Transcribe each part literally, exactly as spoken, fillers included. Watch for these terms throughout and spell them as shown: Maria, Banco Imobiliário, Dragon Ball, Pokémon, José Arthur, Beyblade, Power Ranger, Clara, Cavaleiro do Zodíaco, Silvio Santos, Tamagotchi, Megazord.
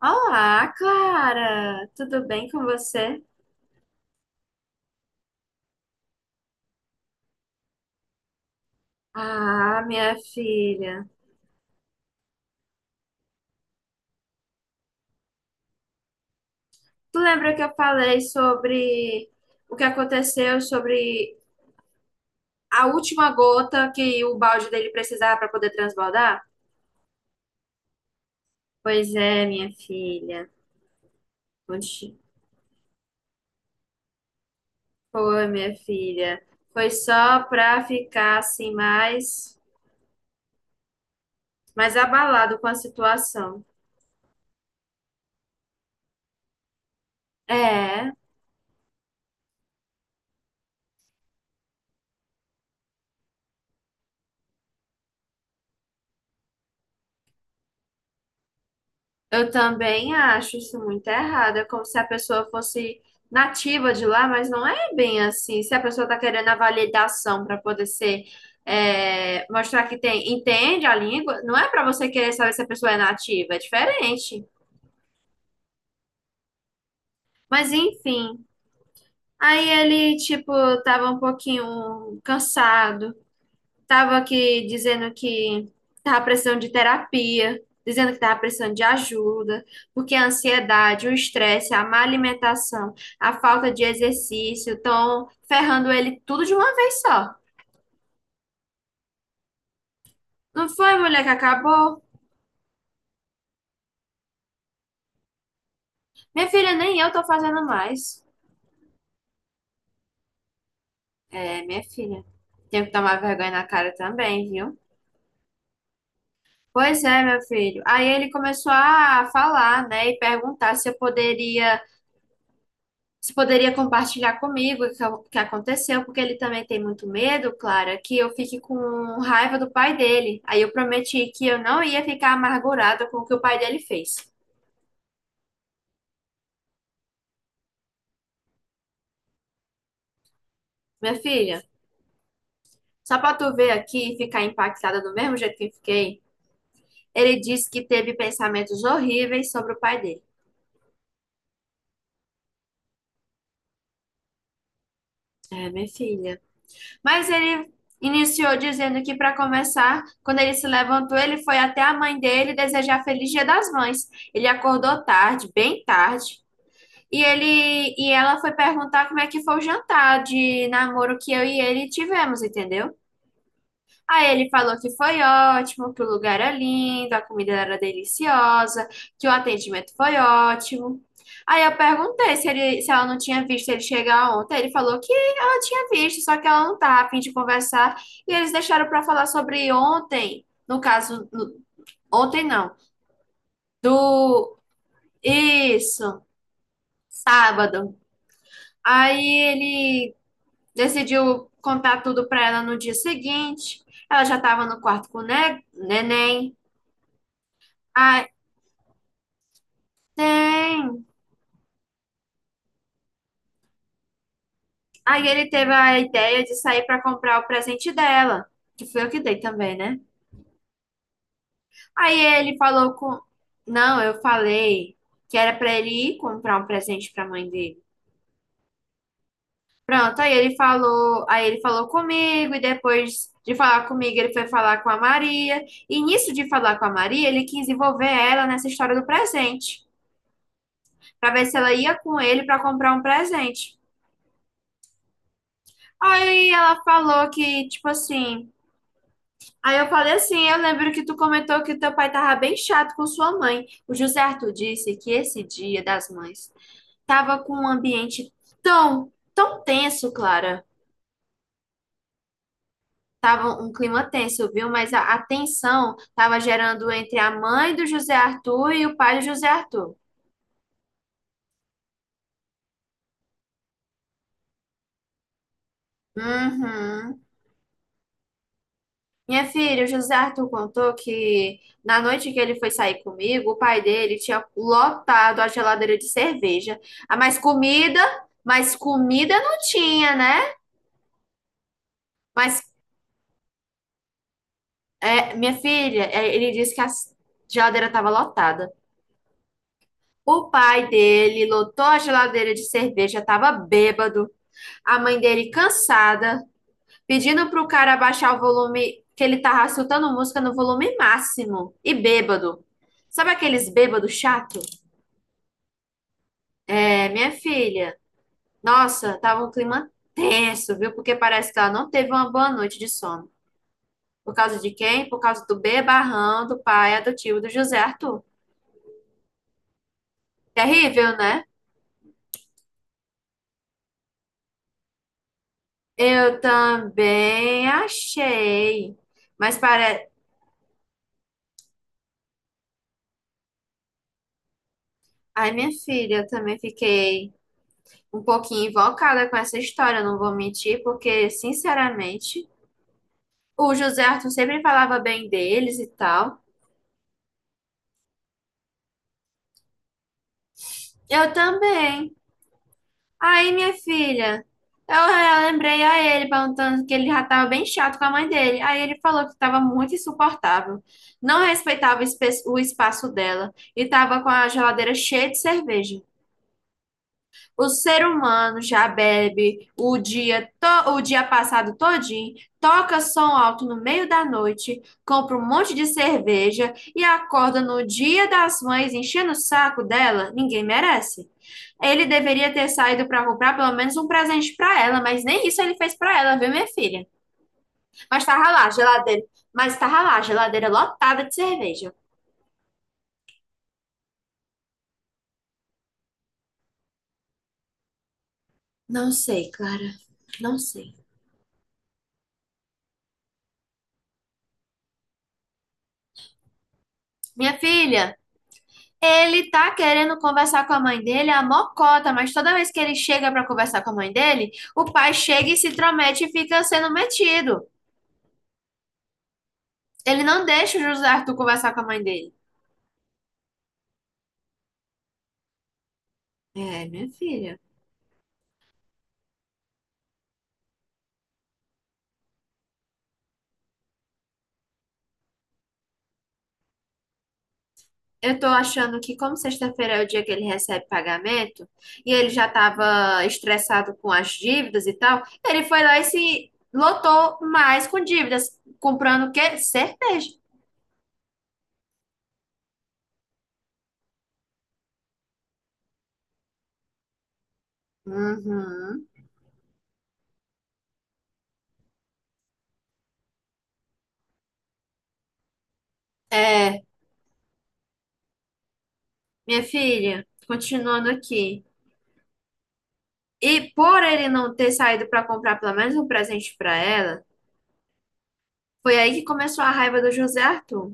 Olá, Clara! Tudo bem com você? Ah, minha filha. Tu lembra que eu falei sobre o que aconteceu, sobre a última gota que o balde dele precisava para poder transbordar? Pois é, minha filha. Onde foi, minha filha? Foi só para ficar assim mais, mais abalado com a situação. É. Eu também acho isso muito errado. É como se a pessoa fosse nativa de lá, mas não é bem assim. Se a pessoa está querendo a validação para poder ser, é, mostrar que tem, entende a língua, não é para você querer saber se a pessoa é nativa, é diferente. Mas enfim. Aí ele, tipo, tava um pouquinho cansado. Tava aqui dizendo que tava precisando de terapia, dizendo que tava precisando de ajuda, porque a ansiedade, o estresse, a má alimentação, a falta de exercício estão ferrando ele tudo de uma vez só. Não foi, mulher, que acabou? Minha filha, nem eu tô fazendo mais. É, minha filha, tenho que tomar vergonha na cara também, viu? Pois é, meu filho. Aí ele começou a falar, né, e perguntar se eu poderia você poderia compartilhar comigo o que o que aconteceu, porque ele também tem muito medo, Clara, que eu fique com raiva do pai dele. Aí eu prometi que eu não ia ficar amargurada com o que o pai dele fez. Minha filha, só pra tu ver aqui e ficar impactada do mesmo jeito que eu fiquei, ele disse que teve pensamentos horríveis sobre o pai dele. É, minha filha. Mas ele iniciou dizendo que, para começar, quando ele se levantou, ele foi até a mãe dele desejar feliz Dia das Mães. Ele acordou tarde, bem tarde. E ele e ela foi perguntar como é que foi o jantar de namoro que eu e ele tivemos, entendeu? Aí ele falou que foi ótimo, que o lugar era lindo, a comida era deliciosa, que o atendimento foi ótimo. Aí eu perguntei se, ele, se ela não tinha visto ele chegar ontem. Ele falou que ela tinha visto, só que ela não tá a fim de conversar. E eles deixaram para falar sobre ontem, no caso, no- ontem não, do isso, sábado. Aí ele decidiu contar tudo para ela no dia seguinte. Ela já estava no quarto com o ne- neném. Aí, tem. Aí ele teve a ideia de sair para comprar o presente dela, que foi eu que dei também, né? Aí ele falou com. Não, eu falei que era para ele ir comprar um presente para a mãe dele. Pronto, aí ele falou, aí ele falou comigo e depois de falar comigo ele foi falar com a Maria. E nisso de falar com a Maria, ele quis envolver ela nessa história do presente, para ver se ela ia com ele para comprar um presente. Aí ela falou que, tipo assim. Aí eu falei assim: eu lembro que tu comentou que teu pai tava bem chato com sua mãe. O José Arthur disse que esse Dia das Mães tava com um ambiente tão, tão tenso, Clara. Tava um clima tenso, viu? Mas a, a tensão tava gerando entre a mãe do José Arthur e o pai do José Arthur. Uhum. Minha filha, o José Arthur contou que na noite que ele foi sair comigo, o pai dele tinha lotado a geladeira de cerveja. Ah, mas comida, mas comida não tinha, né? Mas é, minha filha, é, ele disse que a geladeira estava lotada. O pai dele lotou a geladeira de cerveja, estava bêbado. A mãe dele cansada, pedindo pro cara abaixar o volume, que ele tava escutando música no volume máximo e bêbado. Sabe aqueles bêbados chato? É, minha filha, nossa, tava um clima tenso, viu? Porque parece que ela não teve uma boa noite de sono. Por causa de quem? Por causa do bebarrão do pai adotivo do José Arthur. Terrível, né? Eu também achei. Mas parece. Ai, minha filha, eu também fiquei um pouquinho invocada com essa história, não vou mentir, porque, sinceramente, o José Arthur sempre falava bem deles e tal. Eu também. Aí, minha filha, eu, eu lembrei a ele perguntando que ele já estava bem chato com a mãe dele. Aí ele falou que estava muito insuportável, não respeitava o espe- o espaço dela e estava com a geladeira cheia de cerveja. O ser humano já bebe o dia, to- o dia passado todinho, toca som alto no meio da noite, compra um monte de cerveja e acorda no Dia das Mães enchendo o saco dela. Ninguém merece. Ele deveria ter saído para comprar pelo menos um presente para ela, mas nem isso ele fez para ela, viu, minha filha? Mas tava lá, geladeira. Mas tava lá, geladeira lotada de cerveja. Não sei, Clara. Não sei. Minha filha. Ele tá querendo conversar com a mãe dele, a mocota, mas toda vez que ele chega para conversar com a mãe dele, o pai chega e se intromete e fica sendo metido. Ele não deixa o José Arthur conversar com a mãe dele. É, minha filha. Eu tô achando que, como sexta-feira é o dia que ele recebe pagamento, e ele já tava estressado com as dívidas e tal, ele foi lá e se lotou mais com dívidas, comprando o quê? Cerveja. Uhum. É, minha filha, continuando aqui. E por ele não ter saído para comprar pelo menos um presente para ela, foi aí que começou a raiva do José Arthur.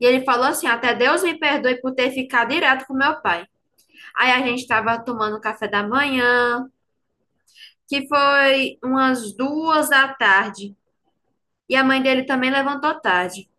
E ele falou assim: até Deus me perdoe por ter ficado direto com meu pai. Aí a gente estava tomando café da manhã, que foi umas duas da tarde. E a mãe dele também levantou tarde.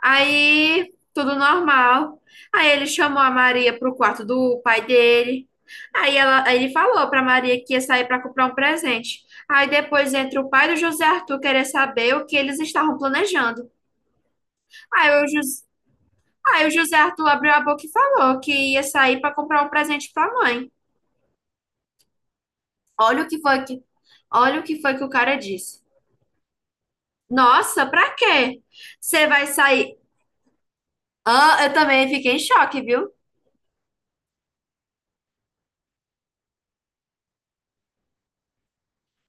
Aí, tudo normal. Aí ele chamou a Maria pro quarto do pai dele. Aí, ela, aí ele falou pra Maria que ia sair pra comprar um presente. Aí depois entra o pai do José Arthur querer saber o que eles estavam planejando. Aí o, Jus- aí o José Arthur abriu a boca e falou que ia sair pra comprar um presente pra mãe. Olha o que foi que, olha o que foi que o cara disse. Nossa, pra quê? Você vai sair? Ah, eu também fiquei em choque, viu?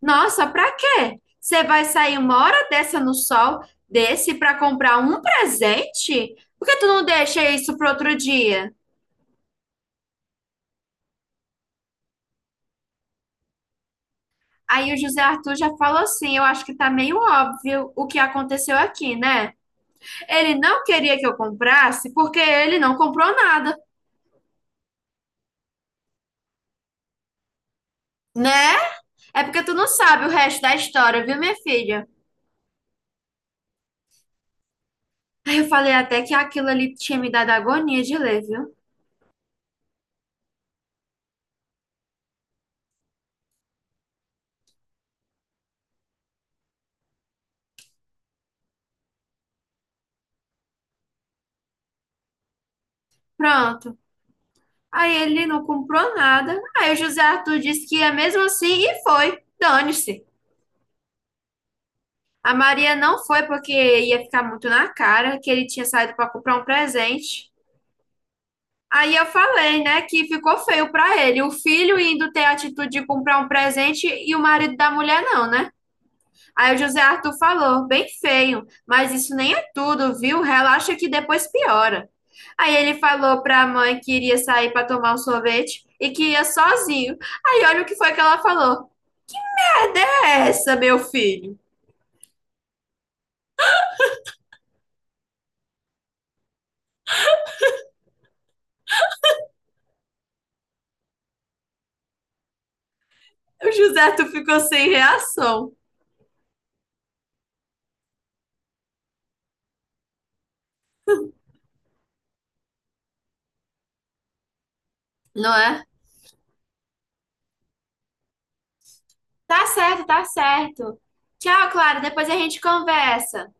Nossa, pra quê? Você vai sair uma hora dessa no sol desse pra comprar um presente? Por que tu não deixa isso pro outro dia? Aí o José Arthur já falou assim: eu acho que tá meio óbvio o que aconteceu aqui, né? Ele não queria que eu comprasse porque ele não comprou nada, né? É porque tu não sabe o resto da história, viu, minha filha? Aí eu falei até que aquilo ali tinha me dado agonia de ler, viu? Pronto. Aí ele não comprou nada. Aí o José Arthur disse que ia mesmo assim e foi. Dane-se. A Maria não foi porque ia ficar muito na cara, que ele tinha saído para comprar um presente. Aí eu falei, né, que ficou feio para ele, o filho indo ter a atitude de comprar um presente e o marido da mulher não, né? Aí o José Arthur falou, bem feio, mas isso nem é tudo, viu? Relaxa que depois piora. Aí ele falou para a mãe que iria sair para tomar um sorvete e que ia sozinho. Aí olha o que foi que ela falou. Cadê essa, meu filho? O José Arthur ficou sem reação, não é? Tá certo, tá certo. Tchau, Clara, depois a gente conversa.